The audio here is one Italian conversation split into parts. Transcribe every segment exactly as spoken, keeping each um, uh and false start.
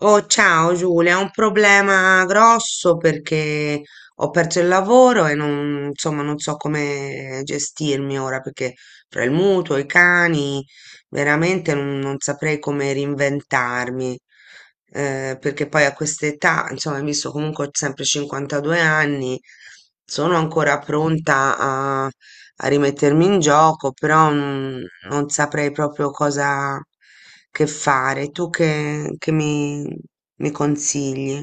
Oh, ciao Giulia, ho un problema grosso perché ho perso il lavoro e non, insomma, non so come gestirmi ora perché tra il mutuo, i cani, veramente non, non saprei come reinventarmi. Eh, perché poi a quest'età, insomma, hai visto comunque ho sempre cinquantadue anni, sono ancora pronta a rimettermi in gioco, però mm, non saprei proprio cosa che fare. Tu che, che mi, mi consigli?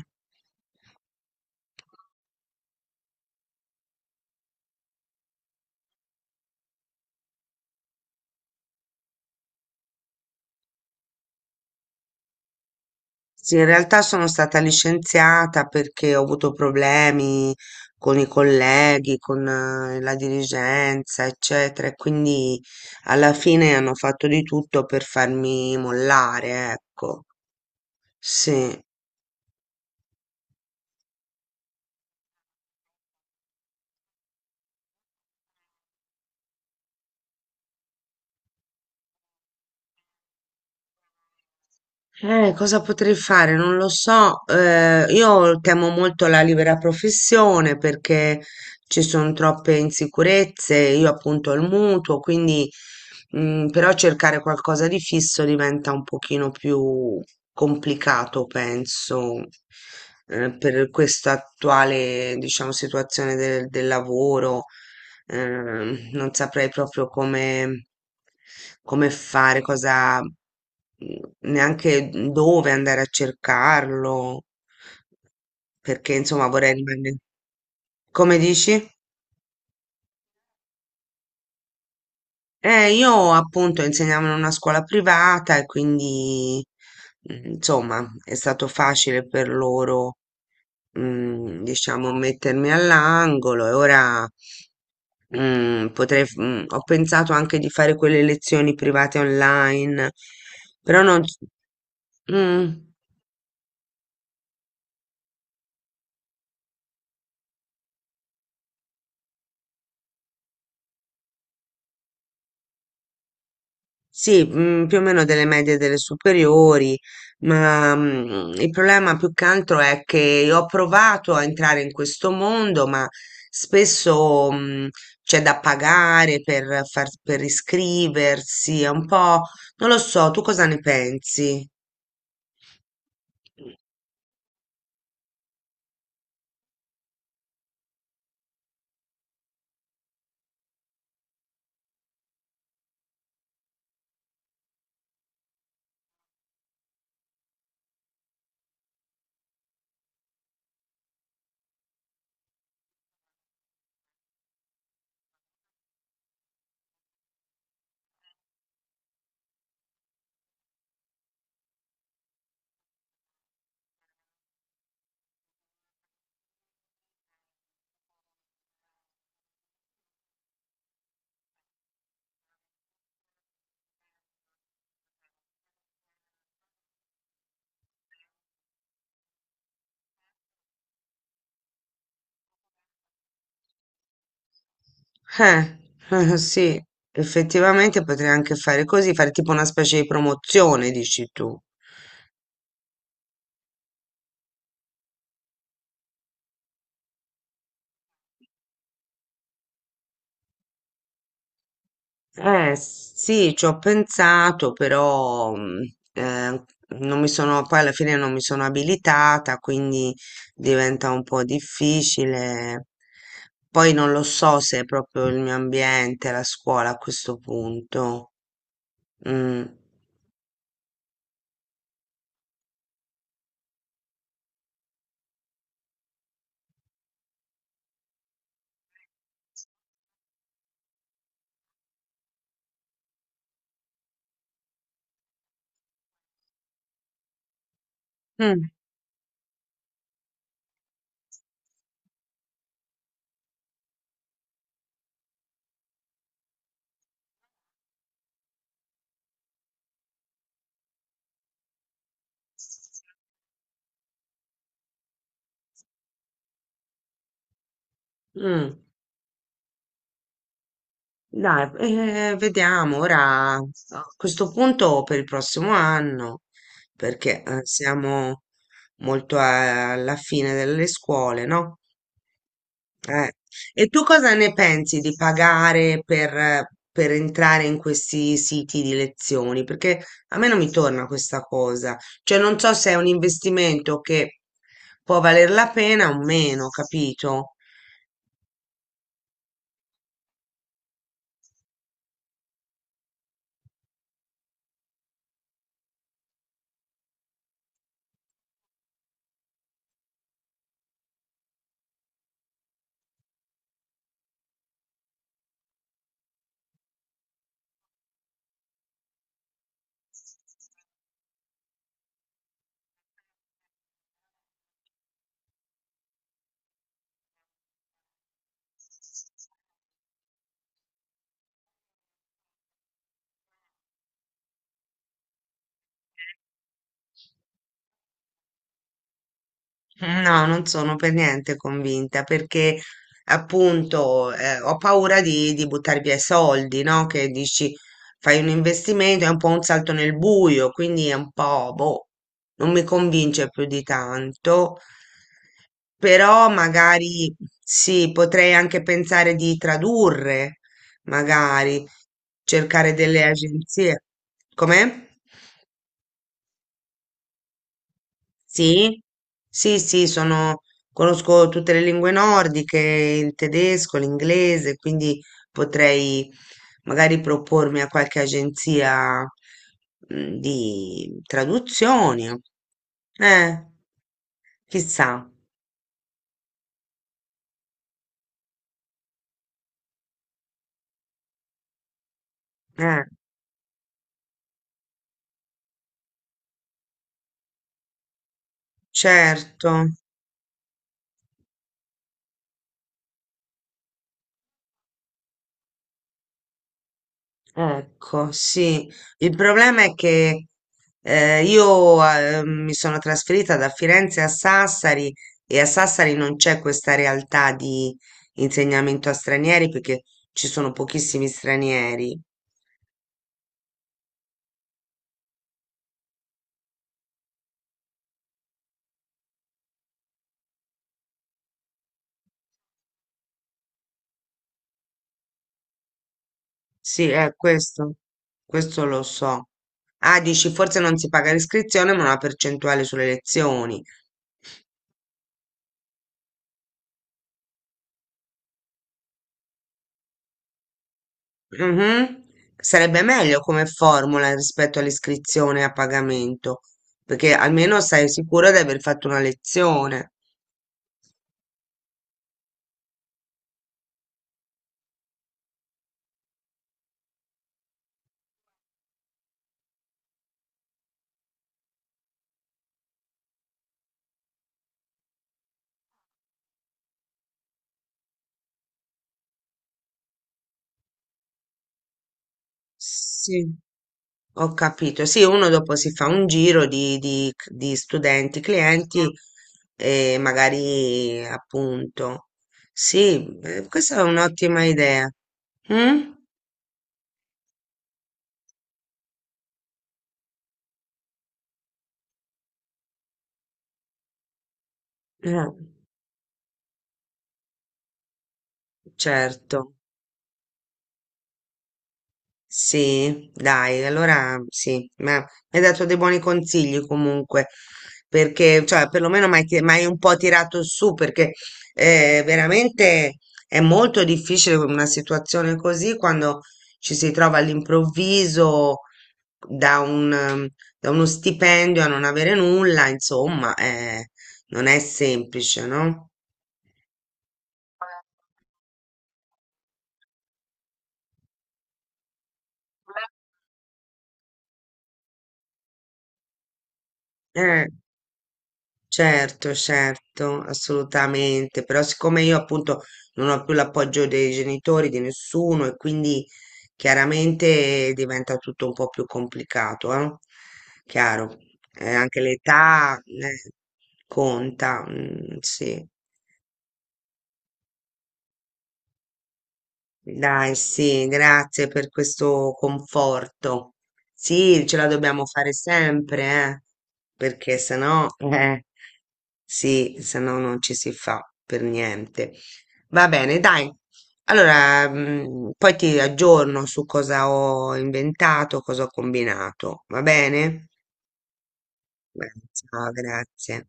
Sì, in realtà sono stata licenziata perché ho avuto problemi con i colleghi, con eh, la dirigenza, eccetera, e quindi alla fine hanno fatto di tutto per farmi mollare, ecco. Sì. Eh, cosa potrei fare? Non lo so. Eh, io temo molto la libera professione perché ci sono troppe insicurezze. Io appunto ho il mutuo, quindi mm, però cercare qualcosa di fisso diventa un pochino più complicato, penso, eh, per questa attuale, diciamo, situazione del del lavoro. Ehm, non saprei proprio come, come fare, cosa, mhmm, neanche dove andare a cercarlo, perché insomma vorrei rimanere. Come dici? Eh, io appunto insegnavo in una scuola privata e quindi mm, insomma è stato facile per loro, mm, diciamo, mettermi all'angolo e ora. Mm, potrei, f- mm, ho pensato anche di fare quelle lezioni private online, però non... s- Mm, sì, mm, più o meno delle medie e delle superiori, ma mm, il problema più che altro è che io ho provato a entrare in questo mondo, ma spesso mm, c'è da pagare per, far- per iscriversi, è un po'... Non lo so, tu cosa ne pensi? Eh, eh, sì, effettivamente potrei anche fare così, fare tipo una specie di promozione, dici tu. Eh, sì, ci ho pensato, però mm, eh, non mi sono, poi alla fine non mi sono abilitata, quindi diventa un po' difficile. Poi non lo so se è proprio il mio ambiente, la scuola a questo punto. Mm. Mm, mm. Dai, eh, vediamo ora a questo punto per il prossimo anno, perché eh, siamo molto a- alla fine delle scuole, no? Eh, e tu cosa ne pensi di pagare per, eh, per entrare in questi siti di lezioni? Perché a me non mi torna questa cosa, cioè non so se è un investimento che può valer la pena o meno, capito? No, non sono per niente convinta perché appunto eh, ho paura di, di buttare via i soldi, no? Che dici fai un investimento, è un po' un salto nel buio, quindi è un po', boh, non mi convince più di tanto, però magari sì, potrei anche pensare di tradurre, magari cercare delle agenzie. Com'è? Sì, sì, sì, sono, conosco tutte le lingue nordiche, il tedesco, l'inglese, quindi potrei magari propormi a qualche agenzia mm, di traduzioni. Eh, chissà, eh, certo. Ecco, sì, il problema è che eh, io eh, mi sono trasferita da Firenze a Sassari e a Sassari non c'è questa realtà di insegnamento a stranieri perché ci sono pochissimi stranieri. Sì, è questo, questo lo so. Ah, dici, forse non si paga l'iscrizione, ma una percentuale sulle lezioni. Mhm. Sarebbe meglio come formula rispetto all'iscrizione a pagamento, perché almeno sei sicuro di aver fatto una lezione. Sì. Ho capito. Sì, uno dopo si fa un giro di, di- di studenti, clienti e magari appunto. Sì, eh, questa è un'ottima idea. Mm? Eh, certo. Sì, dai, allora sì, ma mi hai dato dei buoni consigli comunque, perché, cioè, perlomeno mi hai ti- mi hai un po' tirato su, perché eh, veramente è molto difficile una situazione così quando ci si trova all'improvviso da un, ehm, da uno stipendio a non avere nulla, insomma, eh, non è semplice, no? Eh. Certo, certo, assolutamente, però siccome io appunto non ho più l'appoggio dei genitori, di nessuno e quindi chiaramente diventa tutto un po' più complicato, eh? Chiaro, eh, anche l'età eh, conta, mm, sì. Dai, sì, grazie per questo conforto. Sì, ce la dobbiamo fare sempre, eh, perché sennò, eh. Sì, se no non ci si fa per niente. Va bene, dai. Allora, mm, poi ti aggiorno su cosa ho inventato, cosa ho combinato. Va bene? Beh, ciao, grazie.